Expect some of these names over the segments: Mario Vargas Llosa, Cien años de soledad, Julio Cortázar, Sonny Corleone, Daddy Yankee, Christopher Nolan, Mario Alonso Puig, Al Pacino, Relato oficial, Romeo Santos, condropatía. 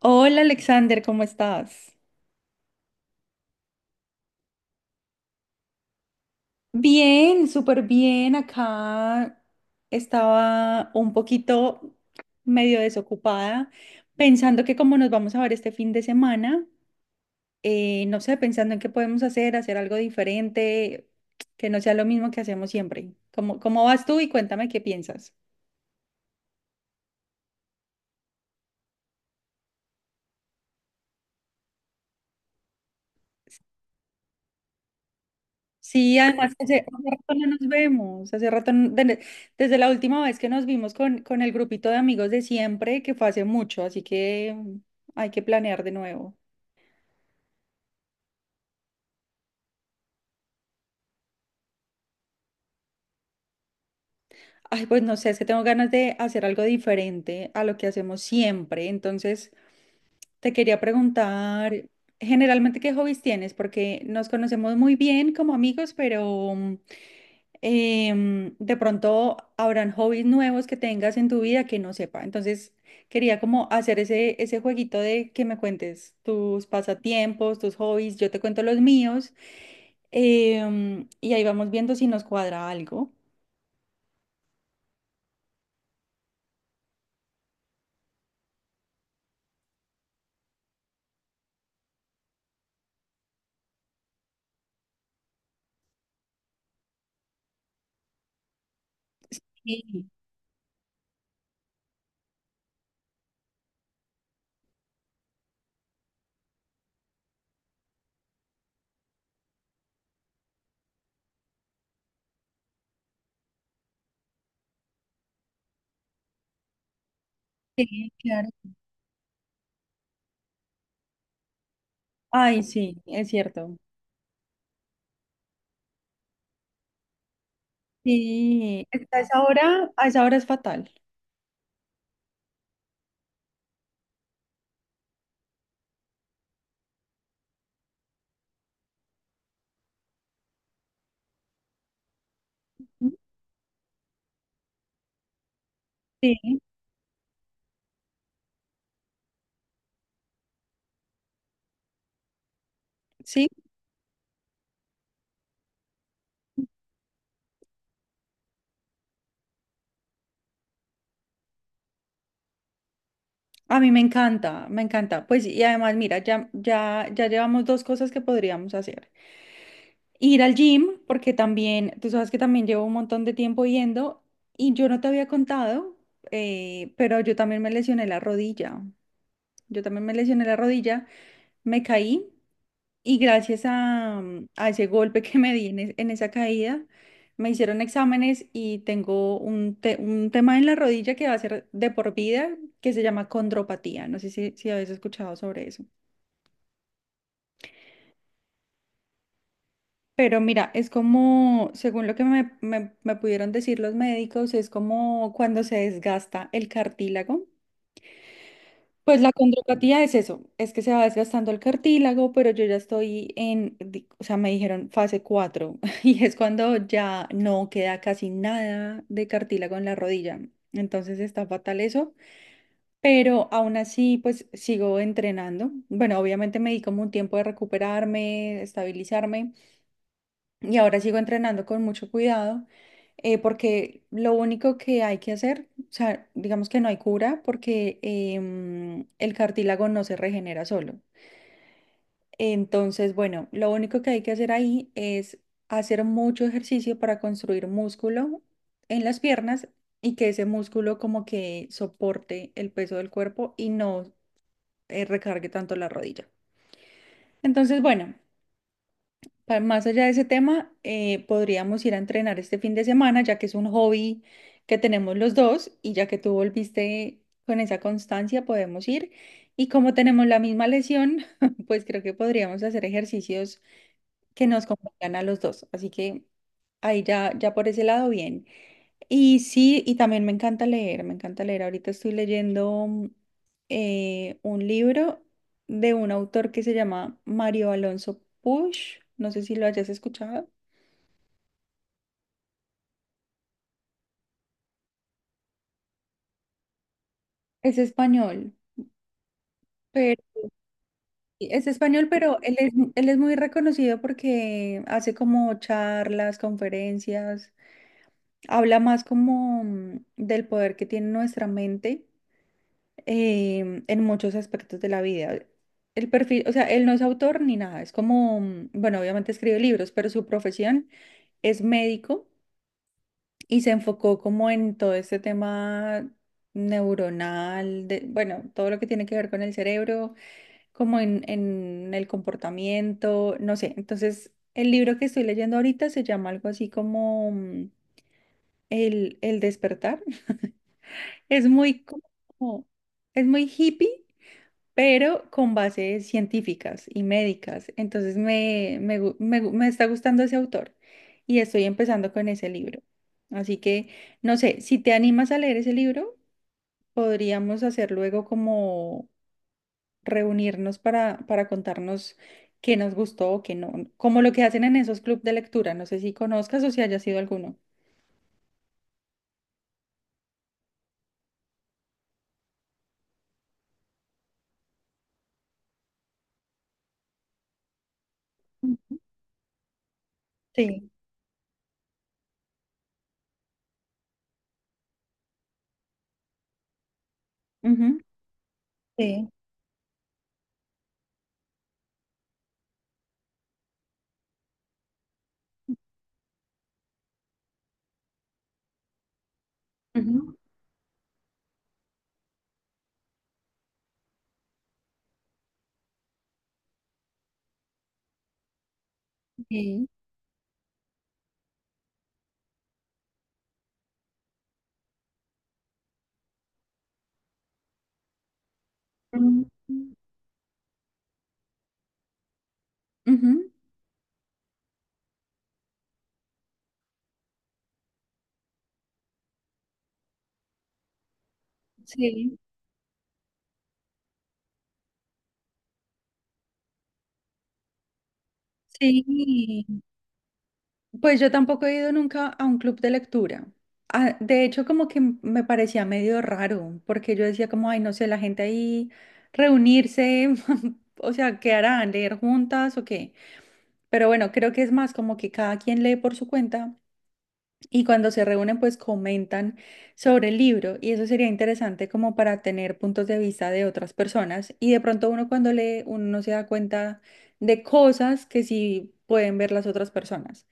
Hola Alexander, ¿cómo estás? Bien, súper bien. Acá estaba un poquito medio desocupada, pensando que como nos vamos a ver este fin de semana, no sé, pensando en qué podemos hacer, hacer algo diferente, que no sea lo mismo que hacemos siempre. ¿Cómo vas tú y cuéntame qué piensas? Sí, además que hace rato no nos vemos, hace rato, desde la última vez que nos vimos con el grupito de amigos de siempre, que fue hace mucho, así que hay que planear de nuevo. Ay, pues no sé, es que tengo ganas de hacer algo diferente a lo que hacemos siempre, entonces te quería preguntar, generalmente, ¿qué hobbies tienes? Porque nos conocemos muy bien como amigos, pero... mm, em, de pronto habrán hobbies nuevos que tengas en tu vida que no sepa. Entonces, quería como hacer ese jueguito de que me cuentes tus pasatiempos, tus hobbies, yo te cuento los míos, y ahí vamos viendo si nos cuadra algo. Sí, sí, claro. Ay, sí, es cierto. Sí, es que a esa hora es fatal. Sí, sí. A mí me encanta, me encanta. Pues y además, mira, ya, ya, ya llevamos dos cosas que podríamos hacer. Ir al gym, porque también, tú sabes que también llevo un montón de tiempo yendo y yo no te había contado, pero yo también me lesioné la rodilla. Yo también me lesioné la rodilla, me caí y gracias a, a ese golpe que me di en, en esa caída, me hicieron exámenes y tengo un tema en la rodilla que va a ser de por vida, que se llama condropatía. No sé si, si habéis escuchado sobre eso. Pero mira, es como, según lo que me pudieron decir los médicos, es como cuando se desgasta el cartílago. Pues la condropatía es eso, es que se va desgastando el cartílago, pero yo ya estoy en, o sea, me dijeron fase 4 y es cuando ya no queda casi nada de cartílago en la rodilla. Entonces está fatal eso, pero aún así pues sigo entrenando. Bueno, obviamente me di como un tiempo de recuperarme, estabilizarme y ahora sigo entrenando con mucho cuidado, porque lo único que hay que hacer, o sea, digamos que no hay cura porque el cartílago no se regenera solo. Entonces, bueno, lo único que hay que hacer ahí es hacer mucho ejercicio para construir músculo en las piernas y que ese músculo como que soporte el peso del cuerpo y no recargue tanto la rodilla. Entonces, bueno. Más allá de ese tema, podríamos ir a entrenar este fin de semana, ya que es un hobby que tenemos los dos y ya que tú volviste con esa constancia, podemos ir. Y como tenemos la misma lesión, pues creo que podríamos hacer ejercicios que nos convengan a los dos. Así que ahí ya, ya por ese lado, bien. Y sí, y también me encanta leer, me encanta leer. Ahorita estoy leyendo un libro de un autor que se llama Mario Alonso Puig. No sé si lo hayas escuchado. Es español, pero sí, es español, pero él es muy reconocido porque hace como charlas, conferencias, habla más como del poder que tiene nuestra mente en muchos aspectos de la vida. El perfil, o sea, él no es autor ni nada, es como, bueno, obviamente escribe libros, pero su profesión es médico y se enfocó como en todo este tema neuronal, de, bueno, todo lo que tiene que ver con el cerebro, como en el comportamiento, no sé. Entonces, el libro que estoy leyendo ahorita se llama algo así como el despertar. Es muy como, es muy hippie pero con bases científicas y médicas. Entonces me está gustando ese autor y estoy empezando con ese libro. Así que, no sé, si te animas a leer ese libro, podríamos hacer luego como reunirnos para contarnos qué nos gustó o qué no, como lo que hacen en esos clubes de lectura. No sé si conozcas o si hayas sido alguno. Mm. Sí. Ujú. Sí. Ujú. Sí. Ujú. Ujú. Sí. Sí. Pues yo tampoco he ido nunca a un club de lectura. Ah, de hecho, como que me parecía medio raro, porque yo decía como, ay, no sé, la gente ahí reunirse, o sea, ¿qué harán? ¿Leer juntas o qué? Pero bueno, creo que es más como que cada quien lee por su cuenta y cuando se reúnen, pues comentan sobre el libro y eso sería interesante como para tener puntos de vista de otras personas y de pronto uno cuando lee, uno no se da cuenta de cosas que sí pueden ver las otras personas.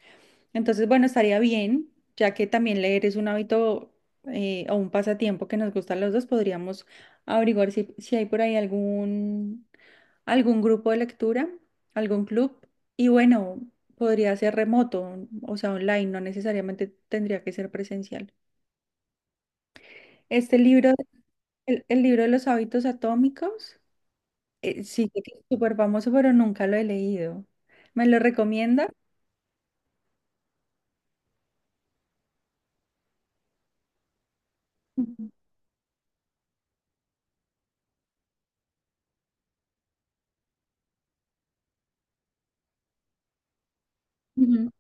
Entonces, bueno, estaría bien, ya que también leer es un hábito o un pasatiempo que nos gusta a los dos, podríamos averiguar si, si hay por ahí algún, algún grupo de lectura, algún club. Y bueno, podría ser remoto, o sea, online, no necesariamente tendría que ser presencial. Este libro, el libro de los hábitos atómicos, sí que es súper famoso, pero nunca lo he leído. ¿Me lo recomienda? Ujú, ujú,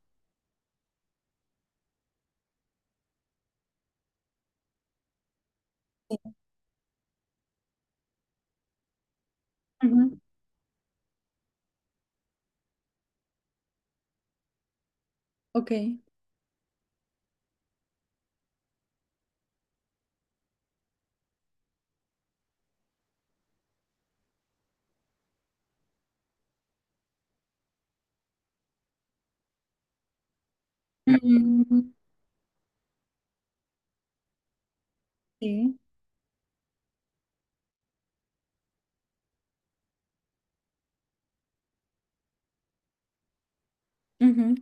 ujú, ok. Mm, sí. Ujú.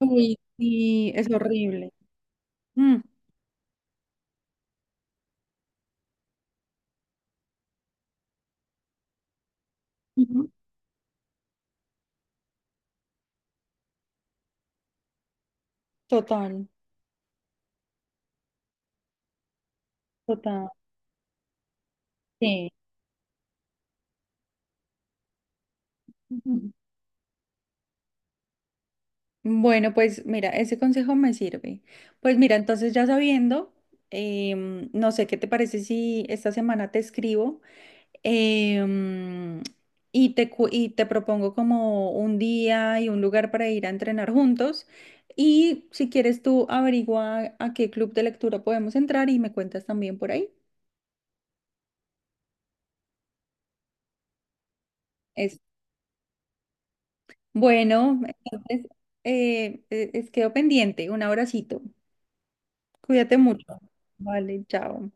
Uy, sí, es horrible. Mm. Ujú. Total, total. Sí. Ujú. Bueno, pues mira, ese consejo me sirve. Pues mira, entonces ya sabiendo, no sé qué te parece si esta semana te escribo em, y te, y te propongo como un día y un lugar para ir a entrenar juntos. Y si quieres tú averigua a qué club de lectura podemos entrar y me cuentas también por ahí. Bueno, entonces es quedo pendiente. Un abracito. Cuídate mucho. Vale, chao.